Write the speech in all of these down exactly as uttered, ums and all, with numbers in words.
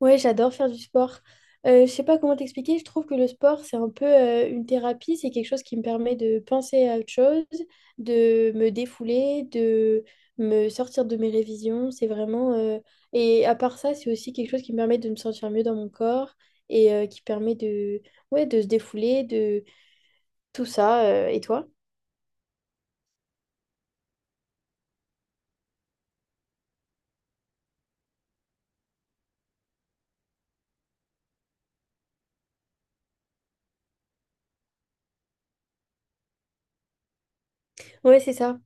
Ouais, j'adore faire du sport. Euh, je sais pas comment t'expliquer, je trouve que le sport, c'est un peu euh, une thérapie, c'est quelque chose qui me permet de penser à autre chose, de me défouler, de me sortir de mes révisions. C'est vraiment... euh, Et à part ça, c'est aussi quelque chose qui me permet de me sentir mieux dans mon corps et euh, qui permet de... Ouais, de se défouler, de tout ça. euh, Et toi? Ouais, c'est ça.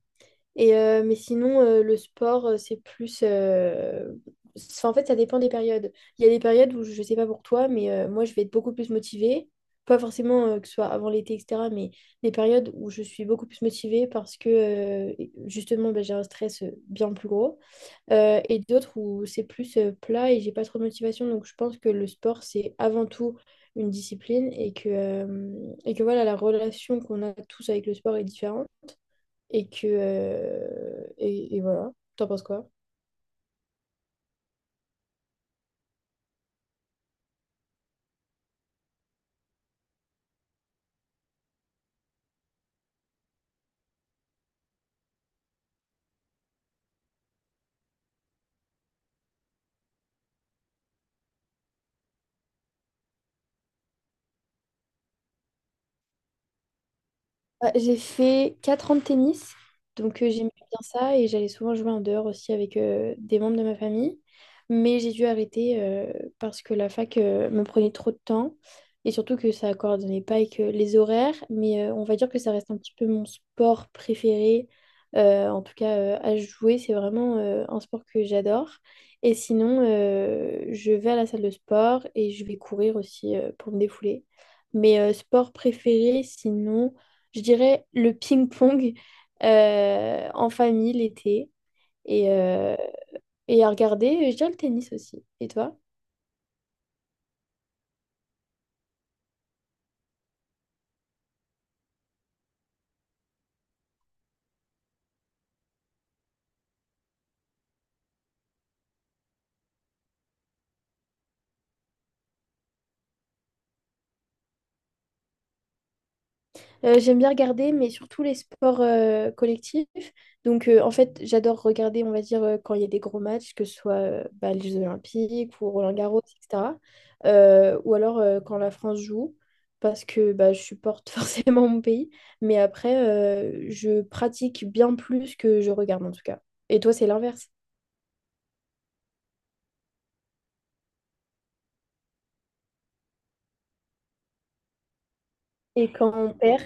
Et, euh, mais sinon, euh, le sport, euh, c'est plus... euh, c'est- En fait, ça dépend des périodes. Il y a des périodes où, je sais pas pour toi, mais euh, moi, je vais être beaucoup plus motivée. Pas forcément euh, que ce soit avant l'été, et cetera, mais des périodes où je suis beaucoup plus motivée parce que, euh, justement, bah, j'ai un stress euh, bien plus gros. Euh, et d'autres où c'est plus euh, plat et j'ai pas trop de motivation. Donc je pense que le sport, c'est avant tout une discipline et que, euh, et que voilà, la relation qu'on a tous avec le sport est différente et que euh, et, et voilà. T'en penses quoi? Bah, j'ai fait quatre ans de tennis, donc euh, j'aimais bien ça et j'allais souvent jouer en dehors aussi avec euh, des membres de ma famille. Mais j'ai dû arrêter euh, parce que la fac euh, me prenait trop de temps et surtout que ça ne coordonnait pas avec euh, les horaires. Mais euh, on va dire que ça reste un petit peu mon sport préféré, euh, en tout cas euh, à jouer. C'est vraiment euh, un sport que j'adore. Et sinon, euh, je vais à la salle de sport et je vais courir aussi euh, pour me défouler. Mais euh, sport préféré, sinon je dirais le ping-pong euh, en famille l'été et, euh, et à regarder, je dirais le tennis aussi. Et toi? Euh, j'aime bien regarder, mais surtout les sports euh, collectifs. Donc, euh, en fait, j'adore regarder, on va dire, euh, quand il y a des gros matchs, que ce soit euh, bah, les Jeux Olympiques ou Roland-Garros, et cetera. Euh, ou alors euh, quand la France joue, parce que bah, je supporte forcément mon pays. Mais après, euh, je pratique bien plus que je regarde, en tout cas. Et toi, c'est l'inverse. Et quand on perd,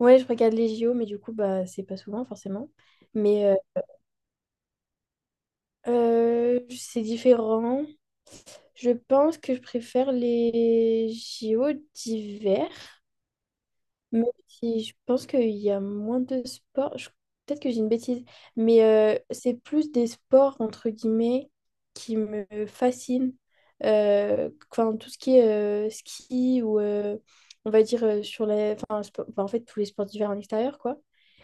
ouais, je regarde les J O, mais du coup, bah, c'est pas souvent forcément. Mais euh, euh, c'est différent. Je pense que je préfère les J O d'hiver. Mais si, je pense qu'il y a moins de sports. je- Peut-être que j'ai une bêtise, mais euh, c'est plus des sports, entre guillemets, qui me fascinent. Euh, enfin, tout ce qui est euh, ski ou, euh, on va dire, euh, sur la... Enfin, spo- enfin, en fait, tous les sports d'hiver en extérieur, quoi.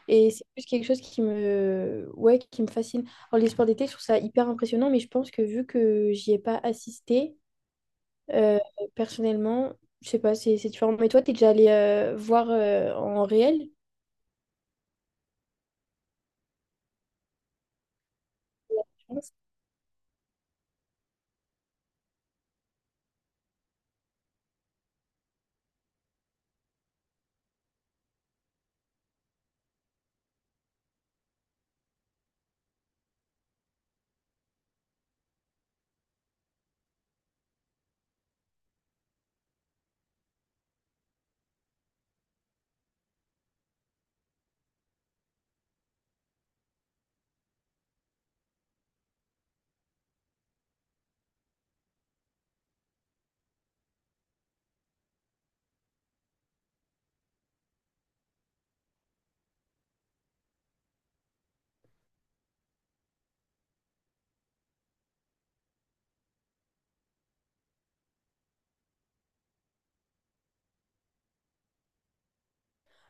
Et c'est plus quelque chose qui me... Ouais, qui me fascine. Alors, les sports d'été, je trouve ça hyper impressionnant, mais je pense que vu que j'y ai pas assisté, euh, personnellement, je sais pas, c'est c'est différent. Mais toi, t'es déjà allé euh, voir euh, en réel, je pense.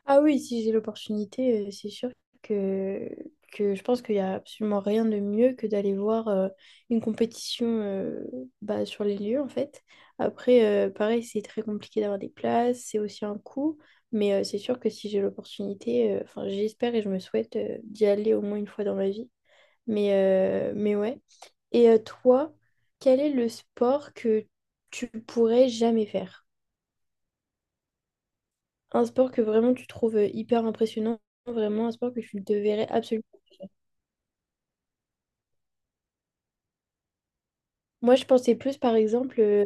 Ah oui, si j'ai l'opportunité, euh, c'est sûr que, que je pense qu'il n'y a absolument rien de mieux que d'aller voir euh, une compétition euh, bah, sur les lieux, en fait. Après, euh, pareil, c'est très compliqué d'avoir des places, c'est aussi un coût. Mais euh, c'est sûr que si j'ai l'opportunité, euh, enfin, j'espère et je me souhaite euh, d'y aller au moins une fois dans ma vie. Mais, euh, mais ouais. Et euh, toi, quel est le sport que tu pourrais jamais faire? Un sport que vraiment tu trouves euh, hyper impressionnant, vraiment un sport que tu devrais absolument. Moi, je pensais plus, par exemple, euh,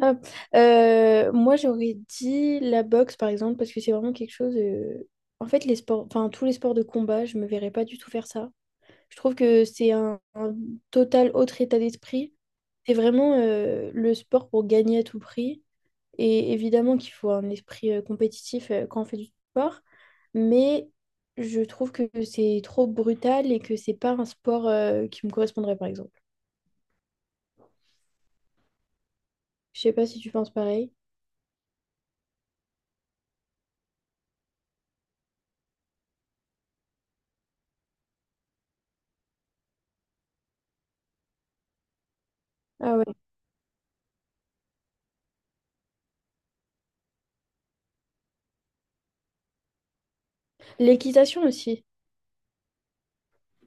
ah, euh, moi j'aurais dit la boxe, par exemple, parce que c'est vraiment quelque chose. euh, En fait, les sports, enfin tous les sports de combat, je me verrais pas du tout faire ça. Je trouve que c'est un, un total autre état d'esprit. C'est vraiment euh, le sport pour gagner à tout prix. Et évidemment qu'il faut un esprit euh, compétitif euh, quand on fait du sport, mais je trouve que c'est trop brutal et que c'est pas un sport euh, qui me correspondrait, par exemple. Je sais pas si tu penses pareil. Ah ouais. L'équitation aussi.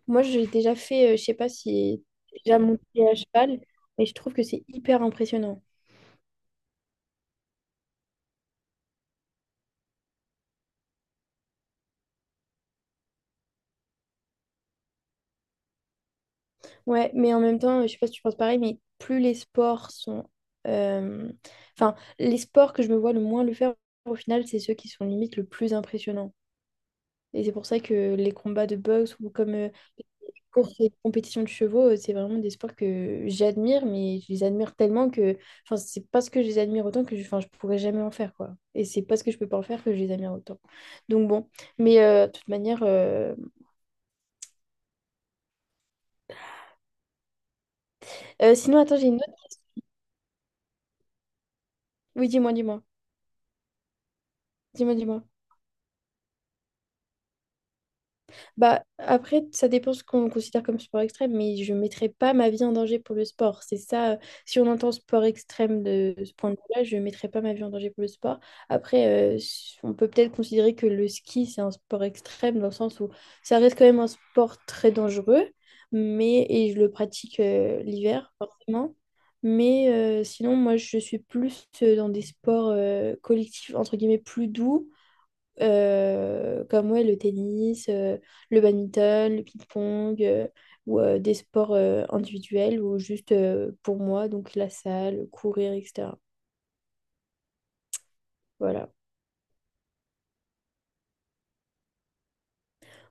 Moi, j'ai déjà fait, euh, je sais pas si j'ai déjà monté à cheval, mais je trouve que c'est hyper impressionnant. Ouais, mais en même temps, je sais pas si tu penses pareil, mais plus les sports sont... euh, Enfin, les sports que je me vois le moins le faire, au final, c'est ceux qui sont limite le plus impressionnants. Et c'est pour ça que les combats de boxe ou comme euh, les courses et les compétitions de chevaux, euh, c'est vraiment des sports que j'admire, mais je les admire tellement que, enfin, c'est parce que je les admire autant que je, enfin, je pourrais jamais en faire, quoi. Et c'est parce que je peux pas en faire que je les admire autant. Donc bon, mais euh, de toute manière, euh, euh, sinon, attends, j'ai une autre. Oui, dis-moi, dis-moi, dis-moi, dis-moi. Bah, après, ça dépend ce qu'on considère comme sport extrême, mais je ne mettrai pas ma vie en danger pour le sport. C'est ça, euh, si on entend sport extrême de de ce point de vue-là, je ne mettrai pas ma vie en danger pour le sport. Après, euh, s- on peut peut-être considérer que le ski, c'est un sport extrême dans le sens où ça reste quand même un sport très dangereux, mais, et je le pratique euh, l'hiver, forcément. Mais euh, sinon, moi, je suis plus euh, dans des sports euh, collectifs, entre guillemets, plus doux euh, comme ouais, le tennis, euh, le badminton, le ping-pong, euh, ou euh, des sports euh, individuels ou juste euh, pour moi, donc la salle, courir, et cetera. Voilà.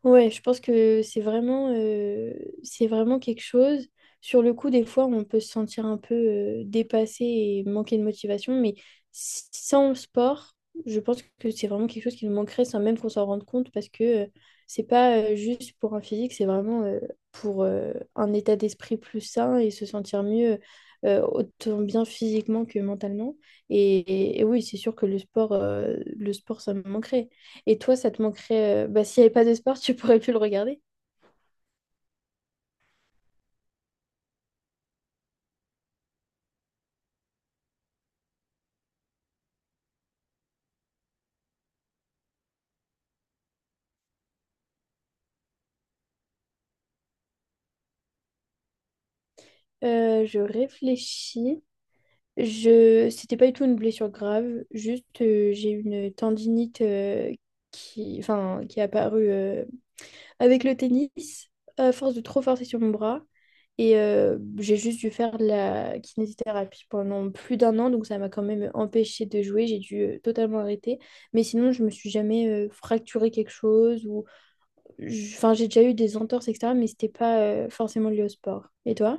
Ouais, je pense que c'est vraiment, euh, c'est vraiment quelque chose. Sur le coup, des fois, on peut se sentir un peu euh, dépassé et manquer de motivation, mais s- sans sport, je pense que c'est vraiment quelque chose qui nous manquerait sans même qu'on s'en rende compte parce que euh, c'est pas euh, juste pour un physique, c'est vraiment euh, pour euh, un état d'esprit plus sain et se sentir mieux euh, autant bien physiquement que mentalement. Et, et- et oui, c'est sûr que le sport, euh, le sport, ça me manquerait. Et toi, ça te manquerait. euh, Bah, s'il n'y avait pas de sport, tu pourrais plus le regarder. Euh, je réfléchis. Je... C'était pas du tout une blessure grave. Juste, euh, j'ai eu une tendinite euh, qui... Enfin, qui est apparue euh, avec le tennis, à force de trop forcer sur mon bras. Et euh, j'ai juste dû faire de la kinésithérapie pendant plus d'un an, donc ça m'a quand même empêché de jouer. J'ai dû euh, totalement arrêter. Mais sinon, je me suis jamais fracturé quelque chose ou j- enfin, j'ai déjà eu des entorses, et cetera, mais c'était pas euh, forcément lié au sport. Et toi?